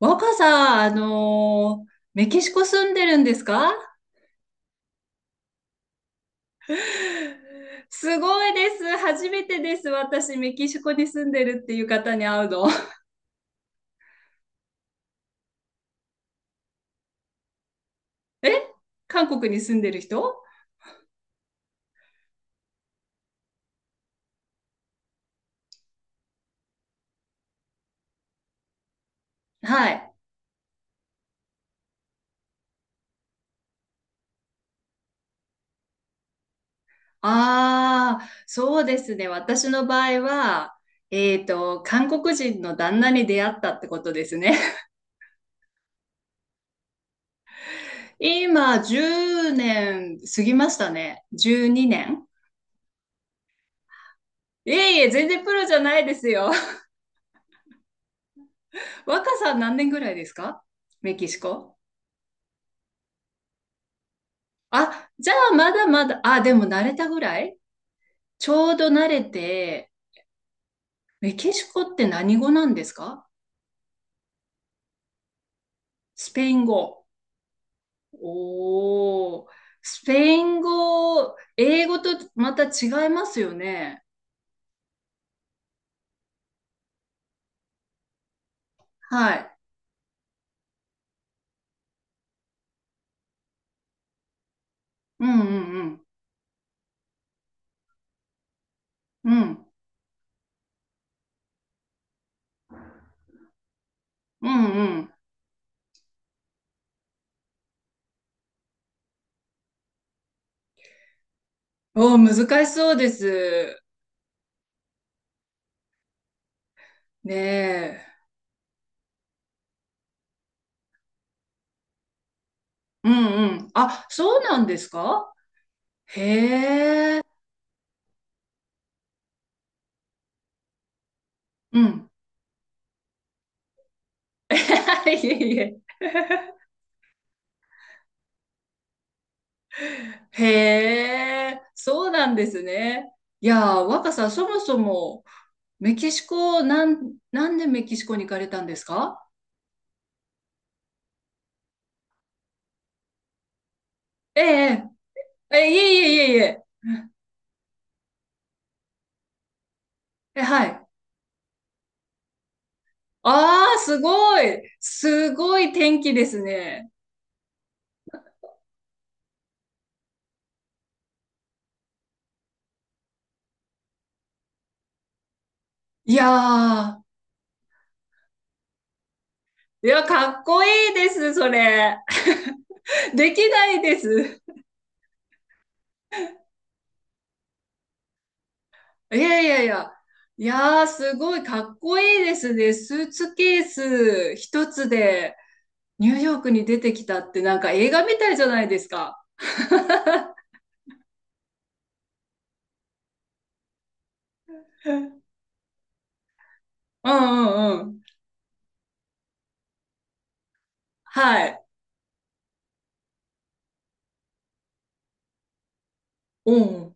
若さ、メキシコ住んでるんですか？すごいです。初めてです。私、メキシコに住んでるっていう方に会うの。え、韓国に住んでる人。はい。ああ、そうですね。私の場合は、韓国人の旦那に出会ったってことですね。今、10年過ぎましたね。12年。いえいえ、全然プロじゃないですよ。若さ何年ぐらいですか？メキシコ。あ、じゃあまだまだ、あ、でも慣れたぐらい、ちょうど慣れて、メキシコって何語なんですか？スペイン語。おー、スペイン語、英語とまた違いますよね。はい。うんうんうん。うん。うんうん。おー、難しそうです。ねえ。うんうん。あ、そうなんですか？へえ。うん。いえいえ。へえ、そうなんですね。いやー、若さん、そもそも、メキシコ、なんでメキシコに行かれたんですか？ええ、ええ、いえいえいえいえ。え、はい。ああ、すごい。すごい天気ですね。いやー、いや、かっこいいです、それ。できないです。いやいやいや。いやー、すごいかっこいいですね。スーツケース一つで。ニューヨークに出てきたってなんか映画みたいじゃないですか。うんうんうん。はい。うん。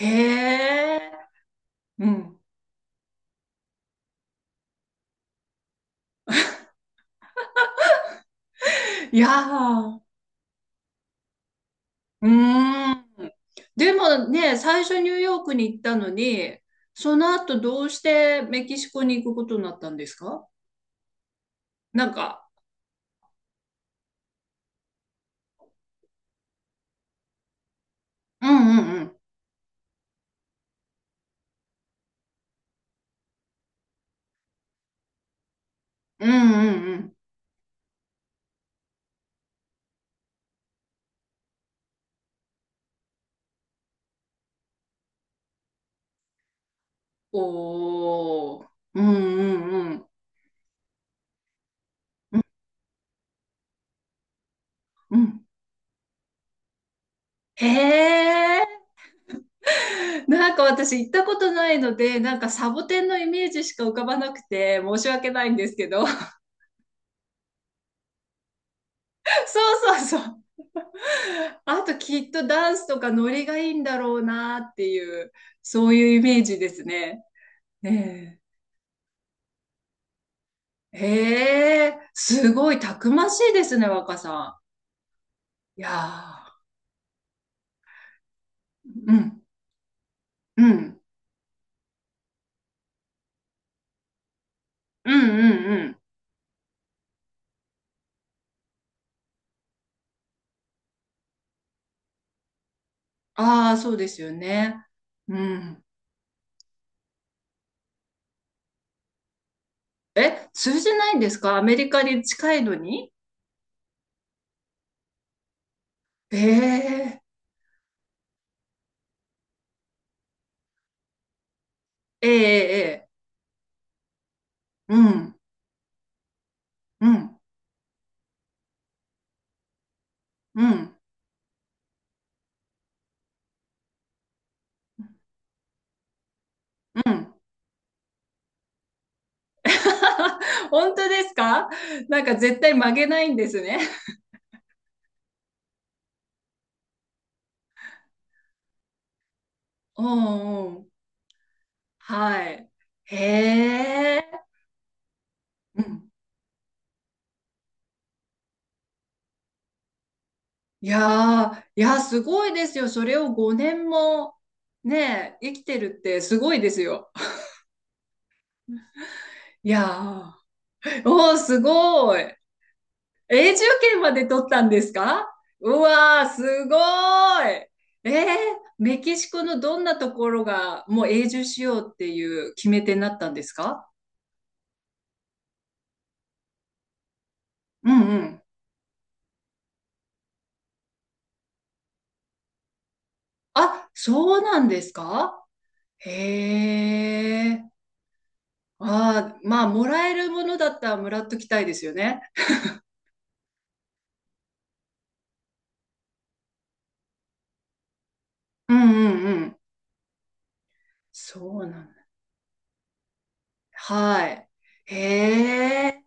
へえ。うん。いやー。うーん。でもね、最初ニューヨークに行ったのに、その後どうしてメキシコに行くことになったんですか？なんか、うんうんうん。うんうんうん。おー。うんうんうん。うん。へえ。なんか私行ったことないので、なんかサボテンのイメージしか浮かばなくて申し訳ないんですけど。そうそうそう。あときっとダンスとかノリがいいんだろうなっていう、そういうイメージですね。ねえ。へえ、すごいたくましいですね、若さん。いやー、うん、うん、うん、うん、うん。ああ、そうですよね。うん。え、通じないんですか？アメリカに近いのに。ええ、ええ、ええ。うん、うん、うん、うん。本当ですか？なんか絶対曲げないんですね。うんうん。はい。へえ。うん。いやー、いやー、すごいですよ。それを5年もね、生きてるってすごいですよ。いやー、おー、すごい。永住権まで取ったんですか？うわー、すごーい。えー、メキシコのどんなところがもう永住しようっていう決め手になったんですか？うんうん。あ、そうなんですか？へえ。ああ、まあ、もらえるものだったらもらっときたいですよね。うんうんうん。そうなんだ。はい。へえ。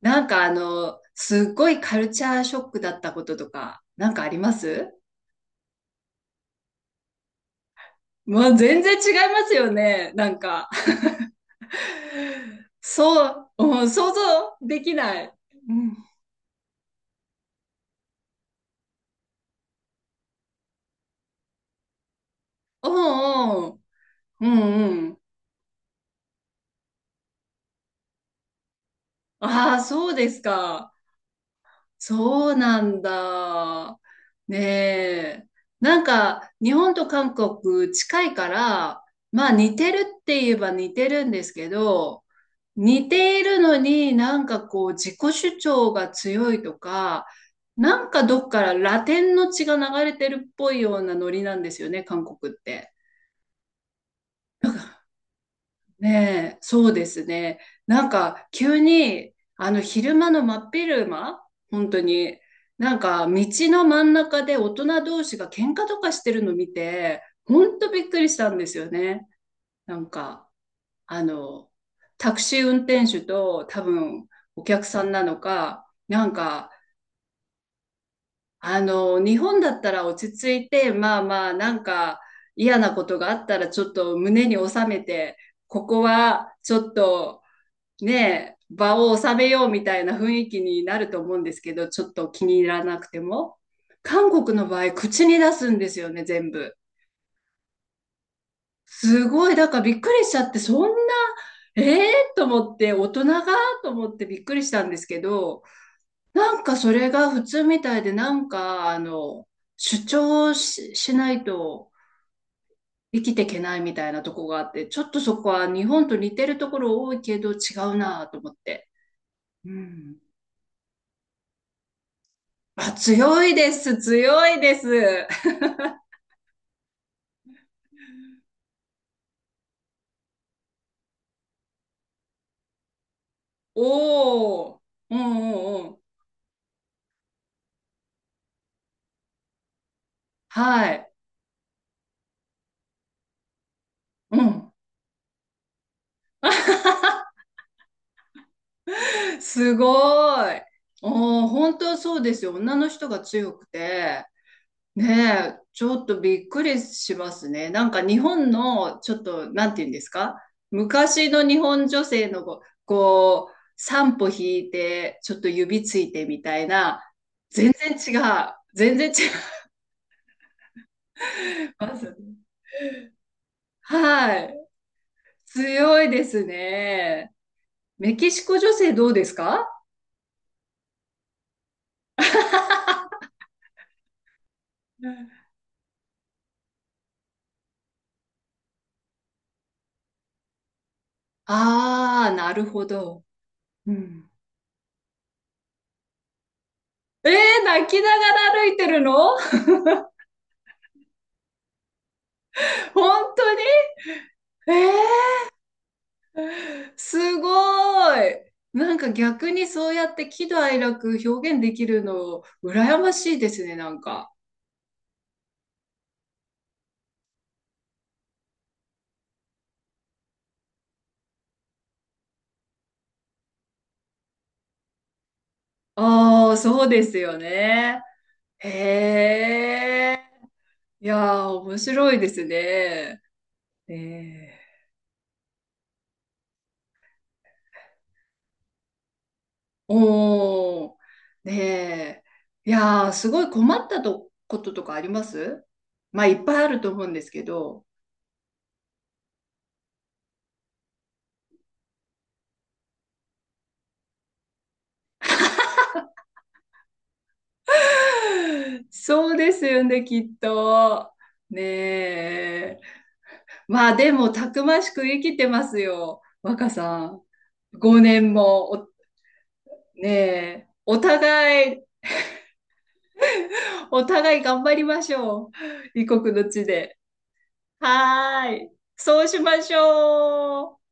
すっごいカルチャーショックだったこととか、なんかあります？まあ、全然違いますよね。なんか、そう、うん、想像できない。うん。うんうん。うんうん。ああ、そうですか。そうなんだ。ねえ。なんか、日本と韓国近いから、まあ似てるって言えば似てるんですけど、似ているのになんかこう自己主張が強いとか、なんかどっからラテンの血が流れてるっぽいようなノリなんですよね、韓国って。ねえ、そうですね。なんか、急に、昼間の真っ昼間、本当に、なんか、道の真ん中で大人同士が喧嘩とかしてるの見て、本当びっくりしたんですよね。なんか、あの、タクシー運転手と多分お客さんなのか、なんか、日本だったら落ち着いて、まあまあ、なんか、嫌なことがあったらちょっと胸に収めて、ここはちょっと、ねえ、場を収めようみたいな雰囲気になると思うんですけど、ちょっと気に入らなくても。韓国の場合、口に出すんですよね、全部。すごい、だからびっくりしちゃって、そんな、ええと思って、大人がと思ってびっくりしたんですけど、なんかそれが普通みたいで、なんか、主張し、しないと生きていけないみたいなとこがあって、ちょっとそこは日本と似てるところ多いけど違うなぁと思って。うん。あ、強いです、強いです。おお、うんうんうん。はい。うん。すごい。おお、本当そうですよ。女の人が強くて。ねえ、ちょっとびっくりしますね。なんか日本の、ちょっと、なんて言うんですか？昔の日本女性のこう、こう、三歩引いて、ちょっと指ついてみたいな、全然違う。全然違います。はい。強いですね。メキシコ女性どうですか？ああー、なるほど。うん。えー、泣きながら歩いてるの、本当に、えー、すごい。なんか逆にそうやって喜怒哀楽表現できるの羨ましいですね、なんか。ああ、そうですよね。へえ。いやー、面白いですね。ね、おー、ねえ。いやー、すごい困ったとこととかあります？まあ、いっぱいあると思うんですけど。そうですよね、きっと。ねえ。まあ、でも、たくましく生きてますよ、若さん。5年も、お、ねえ。お互い、お互い頑張りましょう。異国の地で。はーい。そうしましょう。